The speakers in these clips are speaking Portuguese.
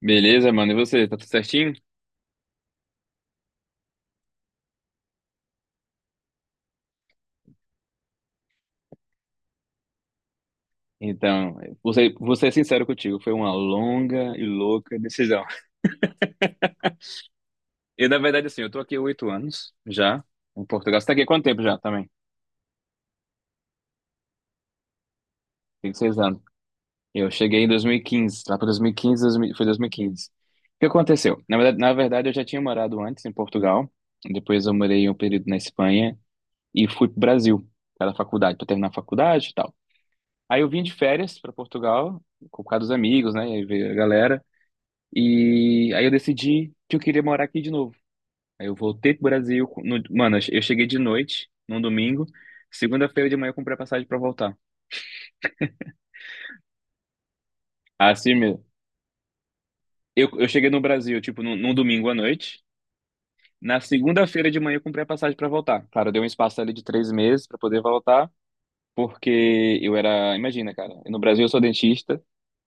Beleza, mano? E você? Tá tudo certinho? Então, vou ser sincero contigo, foi uma longa e louca decisão. Eu, na verdade, assim, eu tô aqui há 8 anos já, em Portugal. Você tá aqui há quanto tempo já também? Tem 6 anos. Eu cheguei em 2015, lá para 2015, 2000, foi 2015. O que aconteceu? Na verdade, eu já tinha morado antes em Portugal, depois eu morei um período na Espanha e fui pro Brasil, para faculdade, para terminar a faculdade e tal. Aí eu vim de férias para Portugal, com por causa dos amigos, né? E aí veio a galera. E aí eu decidi que eu queria morar aqui de novo. Aí eu voltei pro Brasil. Mano, eu cheguei de noite, num domingo. Segunda-feira de manhã eu comprei a passagem pra voltar. Assim mesmo. Eu cheguei no Brasil, tipo, num domingo à noite. Na segunda-feira de manhã eu comprei a passagem pra voltar. Claro, deu um espaço ali de 3 meses pra poder voltar, porque eu era. Imagina, cara, no Brasil eu sou dentista,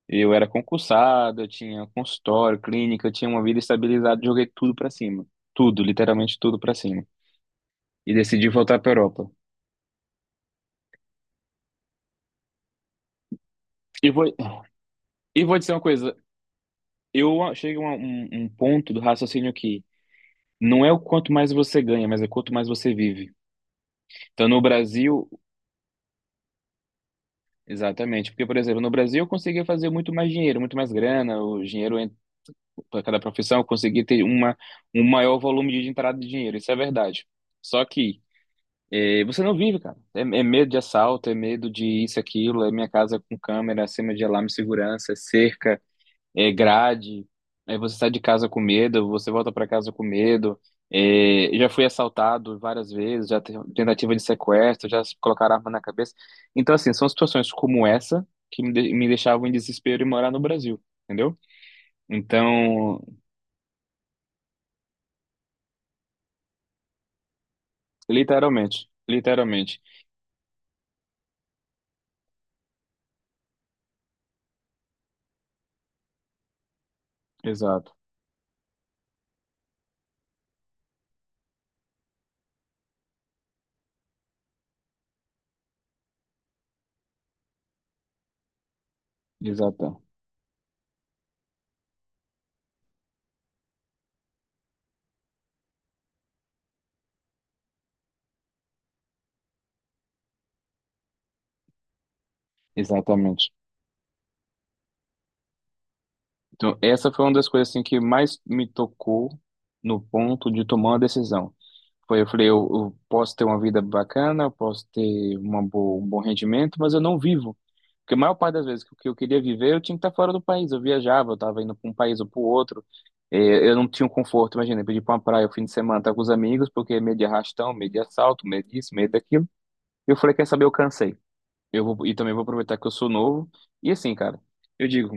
eu era concursado, eu tinha consultório, clínica, eu tinha uma vida estabilizada, joguei tudo pra cima. Tudo, literalmente tudo pra cima. E decidi voltar pra Europa. E vou, e vou dizer uma coisa. Chego a um ponto do raciocínio que não é o quanto mais você ganha, mas é o quanto mais você vive. Então, no Brasil, exatamente. Porque, por exemplo, no Brasil eu conseguia fazer muito mais dinheiro, muito mais grana, o dinheiro para cada profissão, eu conseguia ter um maior volume de entrada de dinheiro. Isso é verdade. Só que você não vive, cara. É, é medo de assalto, é medo de isso, aquilo, é minha casa com câmera, acima de alarme de segurança, é cerca. É, grade, aí você sai de casa com medo, você volta para casa com medo. É, já fui assaltado várias vezes, tentativa de sequestro, já se colocaram arma na cabeça. Então, assim, são situações como essa que me deixavam em desespero e morar no Brasil, entendeu? Então, literalmente, literalmente. Exato, exata, exatamente. Então, essa foi uma das coisas assim, que mais me tocou no ponto de tomar uma decisão. Foi, eu falei, eu posso ter uma vida bacana, eu posso ter um bom rendimento, mas eu não vivo. Porque a maior parte das vezes que eu queria viver, eu tinha que estar fora do país. Eu viajava, eu estava indo para um país ou para o outro. Eu não tinha um conforto, imagina, eu pedi para uma praia o fim de semana, estar com os amigos, porque medo de arrastão, medo de assalto, medo disso, medo daquilo. Eu falei, quer saber, eu cansei. Eu vou, e também vou aproveitar que eu sou novo. E assim, cara, eu digo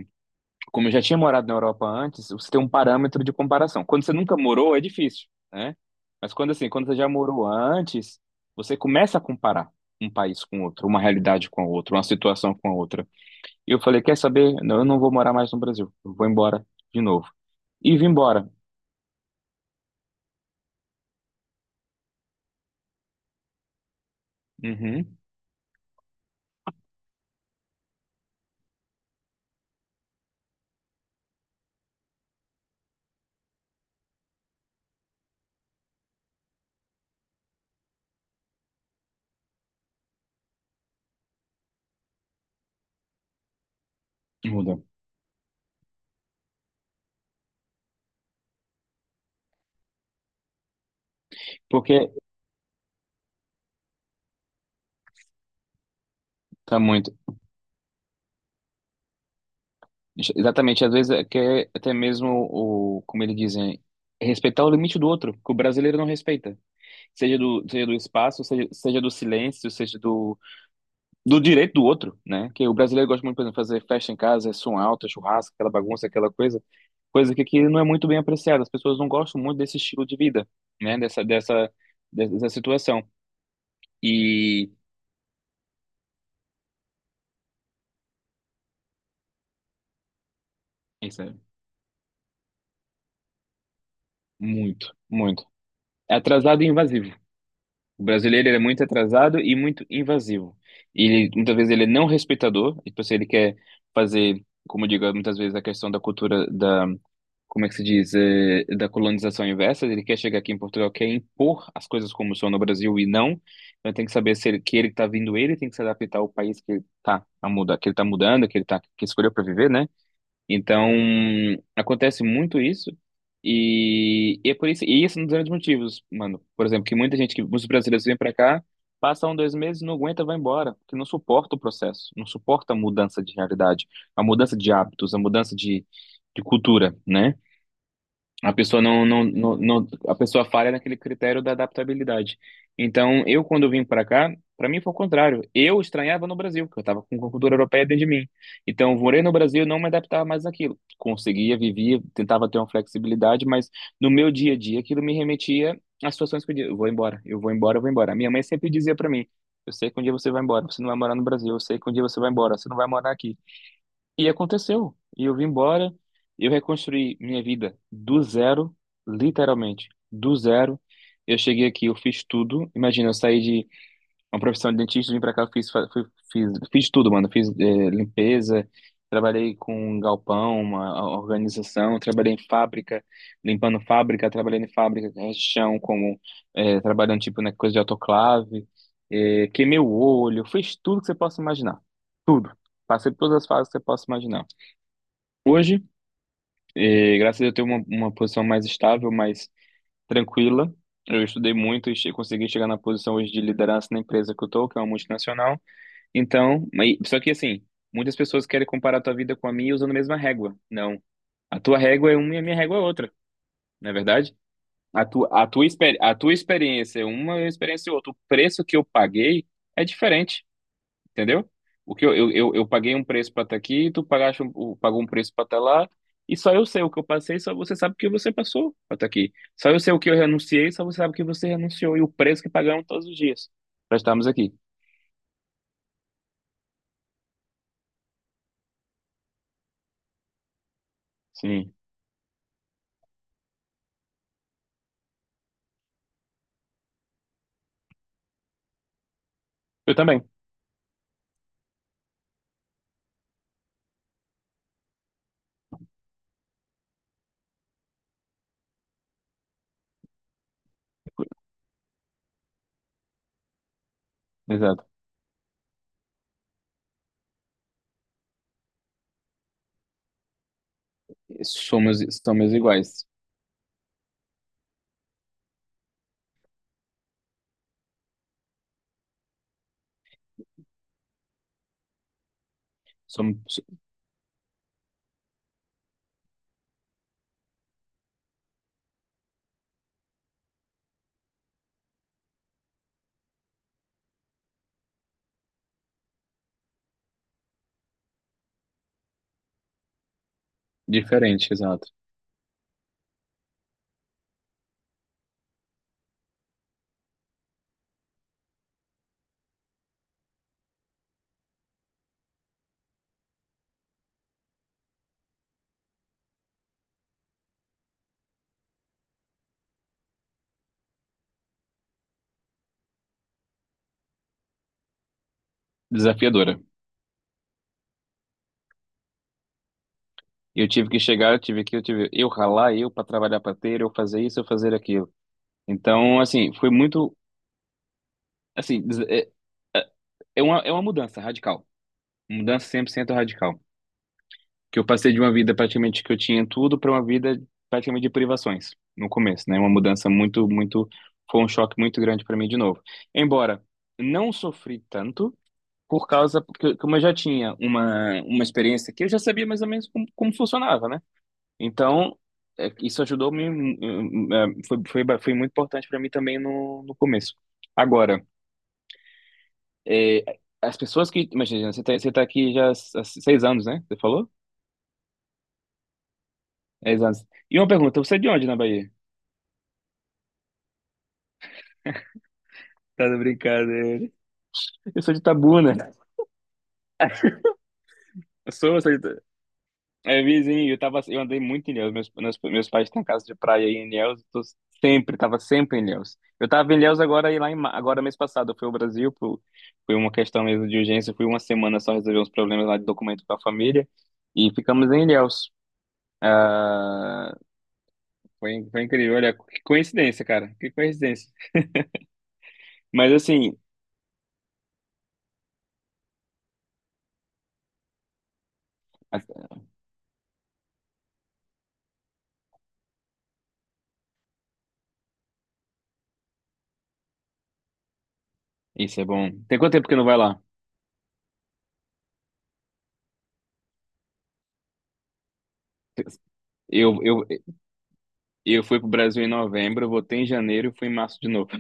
como eu já tinha morado na Europa antes, você tem um parâmetro de comparação. Quando você nunca morou, é difícil, né? Mas quando assim, quando você já morou antes, você começa a comparar um país com outro, uma realidade com a outra, uma situação com a outra. E eu falei, quer saber? Não, eu não vou morar mais no Brasil. Eu vou embora de novo. E vim embora. Uhum. Muda. Porque tá muito. Exatamente, às vezes é que é até mesmo o, como eles dizem, é respeitar o limite do outro, que o brasileiro não respeita. Seja do espaço, seja do silêncio, seja do direito do outro, né? Que o brasileiro gosta muito, por exemplo, de fazer festa em casa, é som alto, é churrasco, aquela bagunça, aquela coisa, coisa que aqui não é muito bem apreciada. As pessoas não gostam muito desse estilo de vida, né? Dessa situação. E isso é muito, muito. É atrasado e invasivo. O brasileiro ele é muito atrasado e muito invasivo. E ele, muitas vezes ele é não respeitador, e tipo assim, ele quer fazer, como eu digo, muitas vezes a questão da cultura da como é que se diz, da colonização inversa, ele quer chegar aqui em Portugal, quer impor as coisas como são no Brasil e não. Então tem que saber se ele, que ele está vindo, ele tem que se adaptar ao país que ele tá a mudar, que ele tá mudando, que ele tá que escolheu para viver, né? Então acontece muito isso. E é por isso, e isso é um dos grandes motivos, mano. Por exemplo, que muita gente, que muitos brasileiros vêm para cá, passam um, dois meses, não aguenta, vai embora, porque não suporta o processo, não suporta a mudança de realidade, a mudança de hábitos, a mudança de cultura, né? A pessoa não, não, não, não- A pessoa falha naquele critério da adaptabilidade. Então, eu quando vim para cá, para mim foi o contrário. Eu estranhava no Brasil, porque eu estava com cultura europeia dentro de mim. Então, eu morei no Brasil, não me adaptava mais àquilo. Conseguia, vivia, tentava ter uma flexibilidade, mas no meu dia a dia aquilo me remetia às situações que eu dizia, eu vou embora, eu vou embora, eu vou embora. A minha mãe sempre dizia para mim, eu sei que um dia você vai embora, você não vai morar no Brasil, eu sei que um dia você vai embora, você não vai morar aqui. E aconteceu. E eu vim embora, eu reconstruí minha vida do zero, literalmente, do zero. Eu cheguei aqui, eu fiz tudo. Imagina, eu saí de uma profissão de dentista, vim pra cá, fiz tudo, mano. Fiz, limpeza, trabalhei com um galpão, uma organização, trabalhei em fábrica, limpando fábrica, trabalhei em fábrica, chão, como, trabalhando, tipo, na coisa de autoclave, queimei o olho, fiz tudo que você possa imaginar. Tudo. Passei por todas as fases que você possa imaginar. Hoje, graças a Deus, eu tenho uma posição mais estável, mais tranquila. Eu estudei muito e consegui chegar na posição hoje de liderança na empresa que eu tô, que é uma multinacional. Então, só que assim, muitas pessoas querem comparar a tua vida com a minha usando a mesma régua. Não. A tua régua é uma e a minha régua é outra, não é verdade? A tua experiência é uma, a minha experiência é outra. O preço que eu paguei é diferente. Entendeu? O que eu paguei um preço para estar aqui, tu pagaste um, o- pagou um preço para estar lá, e só eu sei o que eu passei, só você sabe o que você passou para estar aqui. Só eu sei o que eu renunciei, só você sabe o que você renunciou e o preço que pagamos todos os dias para estarmos aqui. Sim. Eu também, exato. Somos, Somos iguais. Somos diferentes, exato. Desafiadora. Eu tive que chegar, eu tive que, Eu tive eu ralar, eu para trabalhar para ter, eu fazer isso, eu fazer aquilo. Então, assim, foi muito, assim, é uma mudança radical. Mudança 100% radical. Que eu passei de uma vida praticamente que eu tinha tudo para uma vida praticamente de privações no começo, né? Uma mudança muito, muito. Foi um choque muito grande para mim de novo. Embora não sofri tanto, por causa. Porque, como eu já tinha uma experiência que eu já sabia mais ou menos como, como funcionava, né? Então, é, isso ajudou me. Foi, foi, foi muito importante para mim também no começo. Agora, é, as pessoas que. Imagina, você tá aqui já há 6 anos, né? Você falou? É, exato. E uma pergunta, você é de onde na Bahia? Tá de brincadeira. Eu sou de Tabuna. Eu sou de... Ita- É vizinho, eu tava, eu andei muito em Ilhéus, meus pais têm casa de praia aí em Ilhéus, eu tô sempre, tava sempre em Ilhéus. Eu tava em Ilhéus agora e agora mês passado, eu fui ao Brasil, foi uma questão mesmo de urgência, fui uma semana só resolver uns problemas lá de documento com a família e ficamos em Ilhéus. Foi, foi incrível, olha, que coincidência, cara, que coincidência. Mas assim, a- isso é bom. Tem quanto tempo que não vai lá? Eu, eu, E eu fui pro Brasil em novembro, eu voltei em janeiro e fui em março de novo.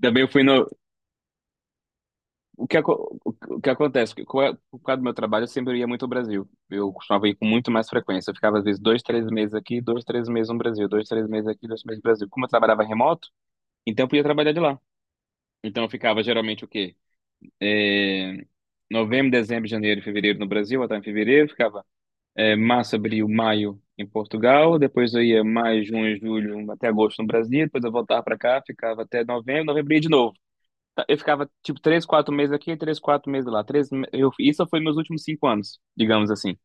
Também eu fui no. O que acontece? Por causa do meu trabalho, eu sempre ia muito ao Brasil. Eu costumava ir com muito mais frequência. Eu ficava, às vezes, dois, três meses aqui, dois, três meses no Brasil, dois, três meses aqui, dois, três meses no Brasil. Como eu trabalhava remoto, então eu podia trabalhar de lá. Então eu ficava geralmente o quê? É, novembro, dezembro, janeiro e fevereiro no Brasil, até em fevereiro, ficava é, março, abril, maio em Portugal, depois eu ia maio, junho, julho, até agosto no Brasil, depois eu voltava para cá, ficava até novembro, novembro ia de novo. Tá, eu ficava tipo três, quatro meses aqui, três, quatro meses lá. Isso foi meus últimos 5 anos, digamos assim,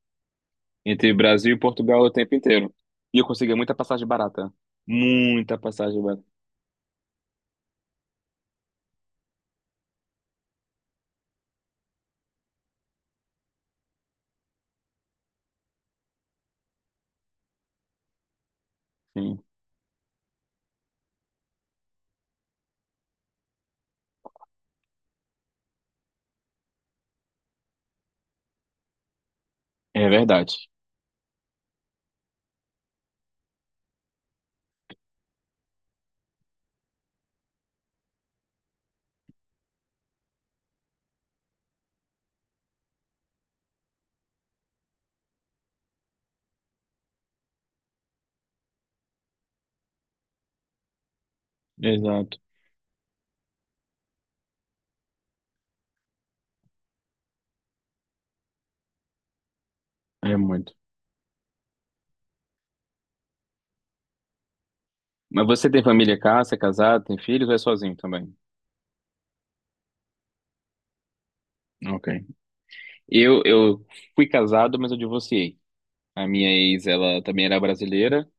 entre Brasil e Portugal o tempo inteiro. E eu conseguia muita passagem barata, muita passagem barata. Sim, é verdade. Exato, é muito. Mas você tem família cá, você é casado, tem filhos ou é sozinho também? Ok. Eu fui casado, mas eu divorciei. A minha ex, ela também era brasileira,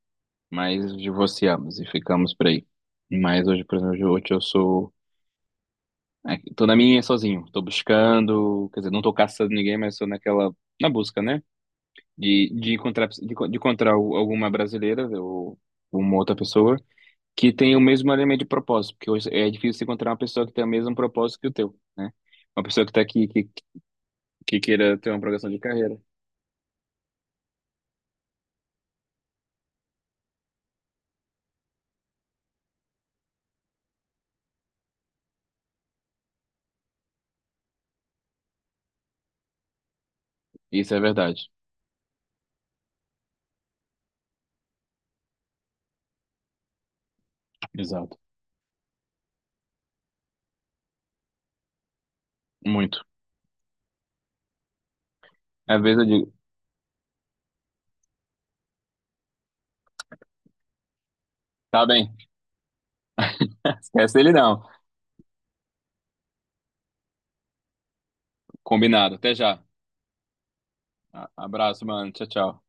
mas divorciamos e ficamos por aí. Mas hoje, por exemplo, hoje eu sou. Tô na minha sozinho, tô buscando, quer dizer, não tô caçando ninguém, mas sou naquela. Na busca, né? De encontrar alguma brasileira ou uma outra pessoa que tenha o mesmo elemento de propósito, porque hoje é difícil você encontrar uma pessoa que tenha o mesmo propósito que o teu, né? Uma pessoa que tá aqui, que queira ter uma progressão de carreira. Isso é verdade. Exato. Muito. Às vezes eu digo, tá bem. Esquece ele não. Combinado. Até já. Abraço, mano. Tchau, tchau.